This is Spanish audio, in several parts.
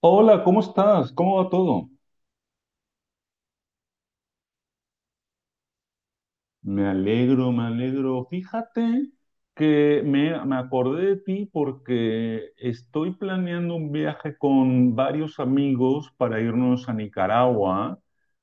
Hola, ¿cómo estás? ¿Cómo va todo? Me alegro, me alegro. Fíjate que me acordé de ti porque estoy planeando un viaje con varios amigos para irnos a Nicaragua,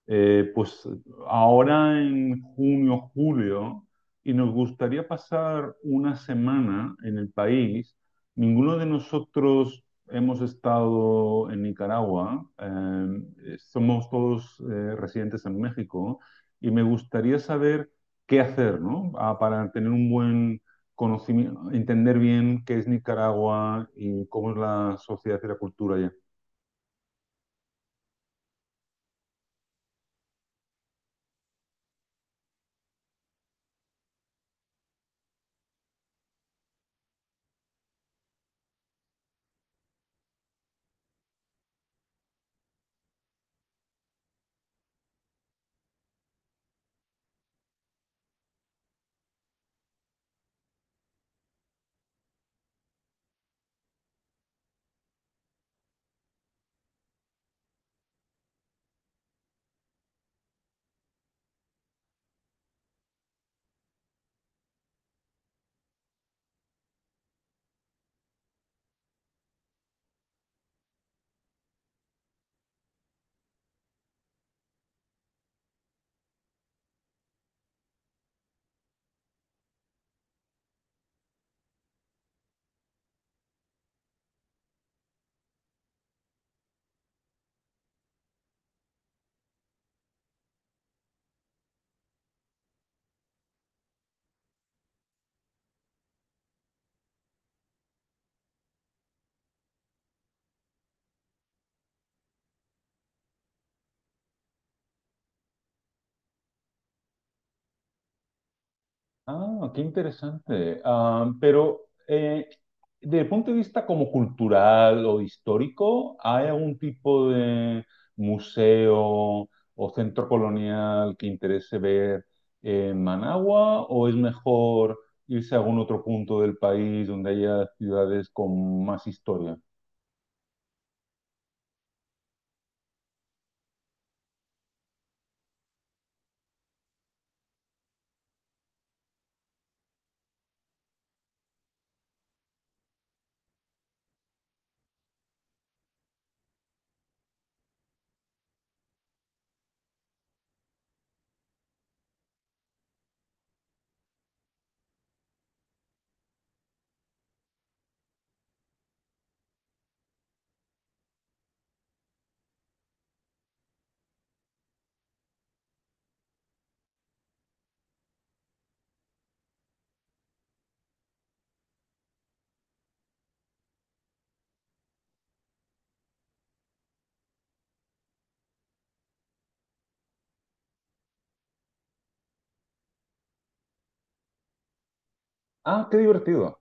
pues ahora en junio, julio, y nos gustaría pasar una semana en el país. Ninguno de nosotros hemos estado en Nicaragua, somos todos residentes en México, y me gustaría saber qué hacer, ¿no? Ah, para tener un buen conocimiento, entender bien qué es Nicaragua y cómo es la sociedad y la cultura allá. Ah, qué interesante. Ah, pero eh, desde el punto de vista como cultural o histórico, ¿hay algún tipo de museo o centro colonial que interese ver en Managua? ¿O es mejor irse a algún otro punto del país donde haya ciudades con más historia? Ah, qué divertido.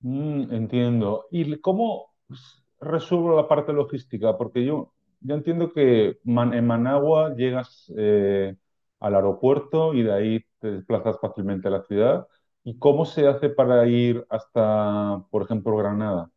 Mm, entiendo. ¿Y cómo resuelvo la parte logística? Porque yo entiendo que en Managua llegas al aeropuerto y de ahí te desplazas fácilmente a la ciudad. ¿Y cómo se hace para ir hasta, por ejemplo, Granada?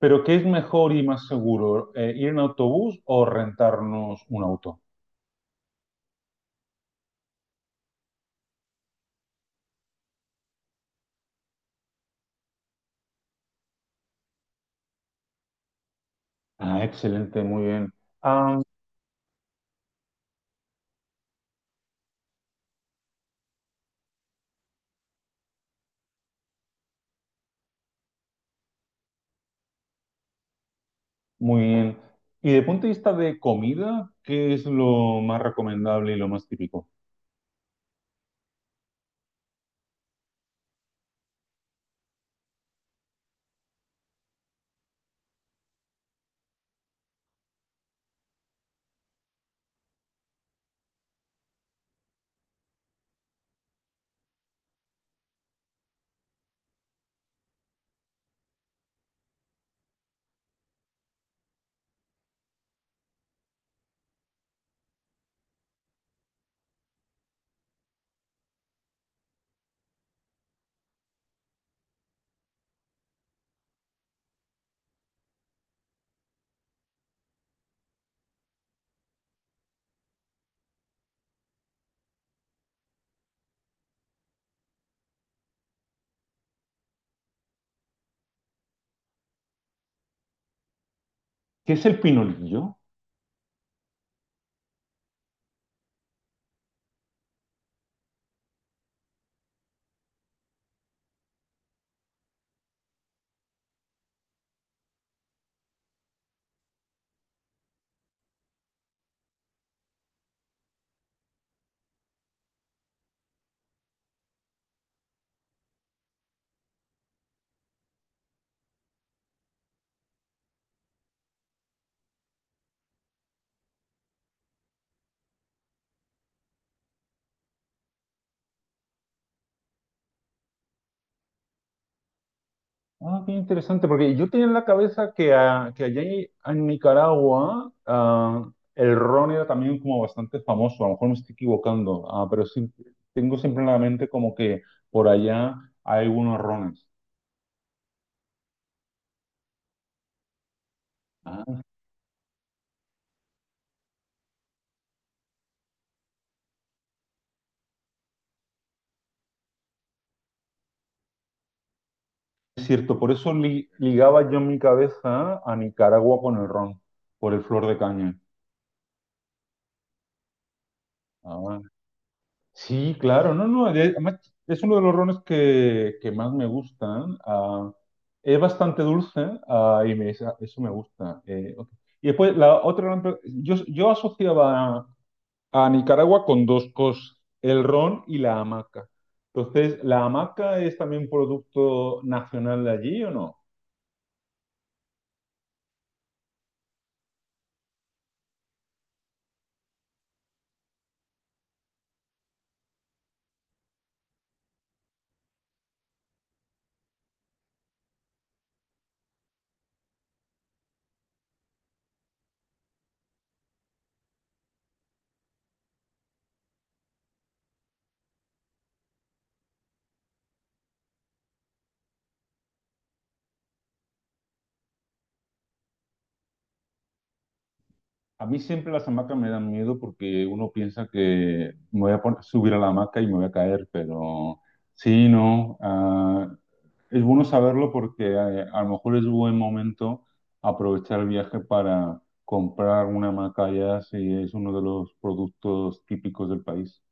¿Pero qué es mejor y más seguro, ir en autobús o rentarnos un auto? Ah, excelente, muy bien. Ah, muy bien. Y de punto de vista de comida, ¿qué es lo más recomendable y lo más típico? ¿Qué es el pinolillo? Ah, qué interesante, porque yo tenía en la cabeza que, ah, que allá en Nicaragua ah, el ron era también como bastante famoso, a lo mejor me estoy equivocando, ah, pero sí, tengo siempre en la mente como que por allá hay unos rones. Ah, es cierto, por eso ligaba yo en mi cabeza a Nicaragua con el ron, por el flor de caña. Ah, sí, claro, no, no, además es uno de los rones que más me gustan. Ah, es bastante dulce, ah, y me- eso me gusta. Ok. Y después, la otra gran yo, yo asociaba a Nicaragua con dos cosas, el ron y la hamaca. Entonces, ¿la hamaca es también un producto nacional de allí o no? A mí siempre las hamacas me dan miedo porque uno piensa que me voy a subir a la hamaca y me voy a caer, pero sí, no. ah, Es bueno saberlo porque a lo mejor es buen momento aprovechar el viaje para comprar una macaya si es uno de los productos típicos del país.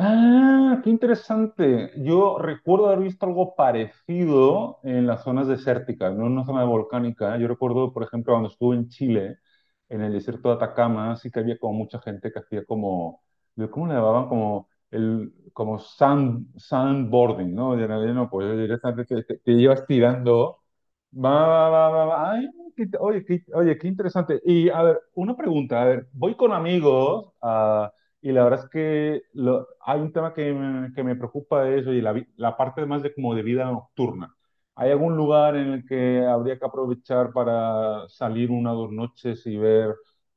Ah, qué interesante. Yo recuerdo haber visto algo parecido en las zonas desérticas, no en una zona volcánica. Yo recuerdo, por ejemplo, cuando estuve en Chile, en el desierto de Atacama, sí que había como mucha gente que hacía como, ¿cómo le llamaban? Como el, como sandboarding, ¿no? Y en realidad no, pues directamente te, te llevas tirando. Va, va, va, va, va. Ay, qué- oye, qué, oye, qué interesante. Y a ver, una pregunta, a ver, voy con amigos. Y la verdad es que hay un tema que me preocupa de eso y la, la parte más de como de vida nocturna. ¿Hay algún lugar en el que habría que aprovechar para salir una o dos noches y ver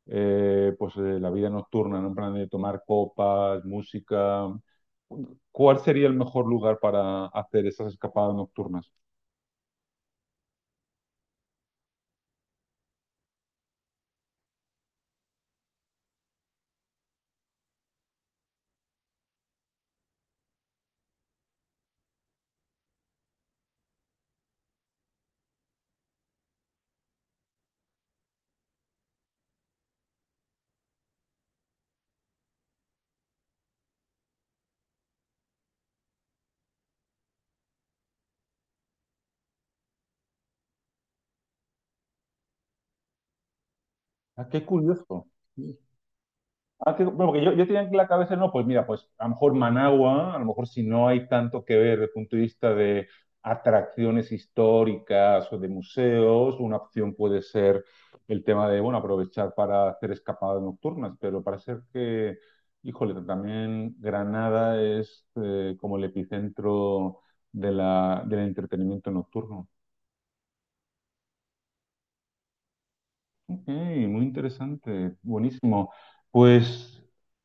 pues, la vida nocturna, ¿no? En plan de tomar copas, música? ¿Cuál sería el mejor lugar para hacer esas escapadas nocturnas? Ah, qué curioso. Ah, que- bueno, porque yo tenía en la cabeza, no, pues mira, pues a lo mejor Managua, a lo mejor si no hay tanto que ver desde el punto de vista de atracciones históricas o de museos, una opción puede ser el tema de, bueno, aprovechar para hacer escapadas nocturnas, pero parece que, híjole, también Granada es como el epicentro de la, del entretenimiento nocturno. Ok, muy interesante, buenísimo. Pues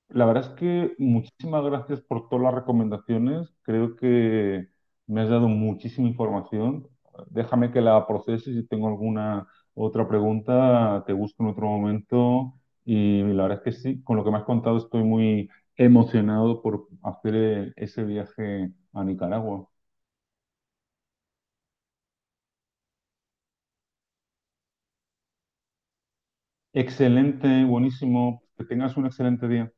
la verdad es que muchísimas gracias por todas las recomendaciones. Creo que me has dado muchísima información. Déjame que la procese y si tengo alguna otra pregunta, te busco en otro momento. Y la verdad es que sí, con lo que me has contado estoy muy emocionado por hacer ese viaje a Nicaragua. Excelente, buenísimo. Que tengas un excelente día.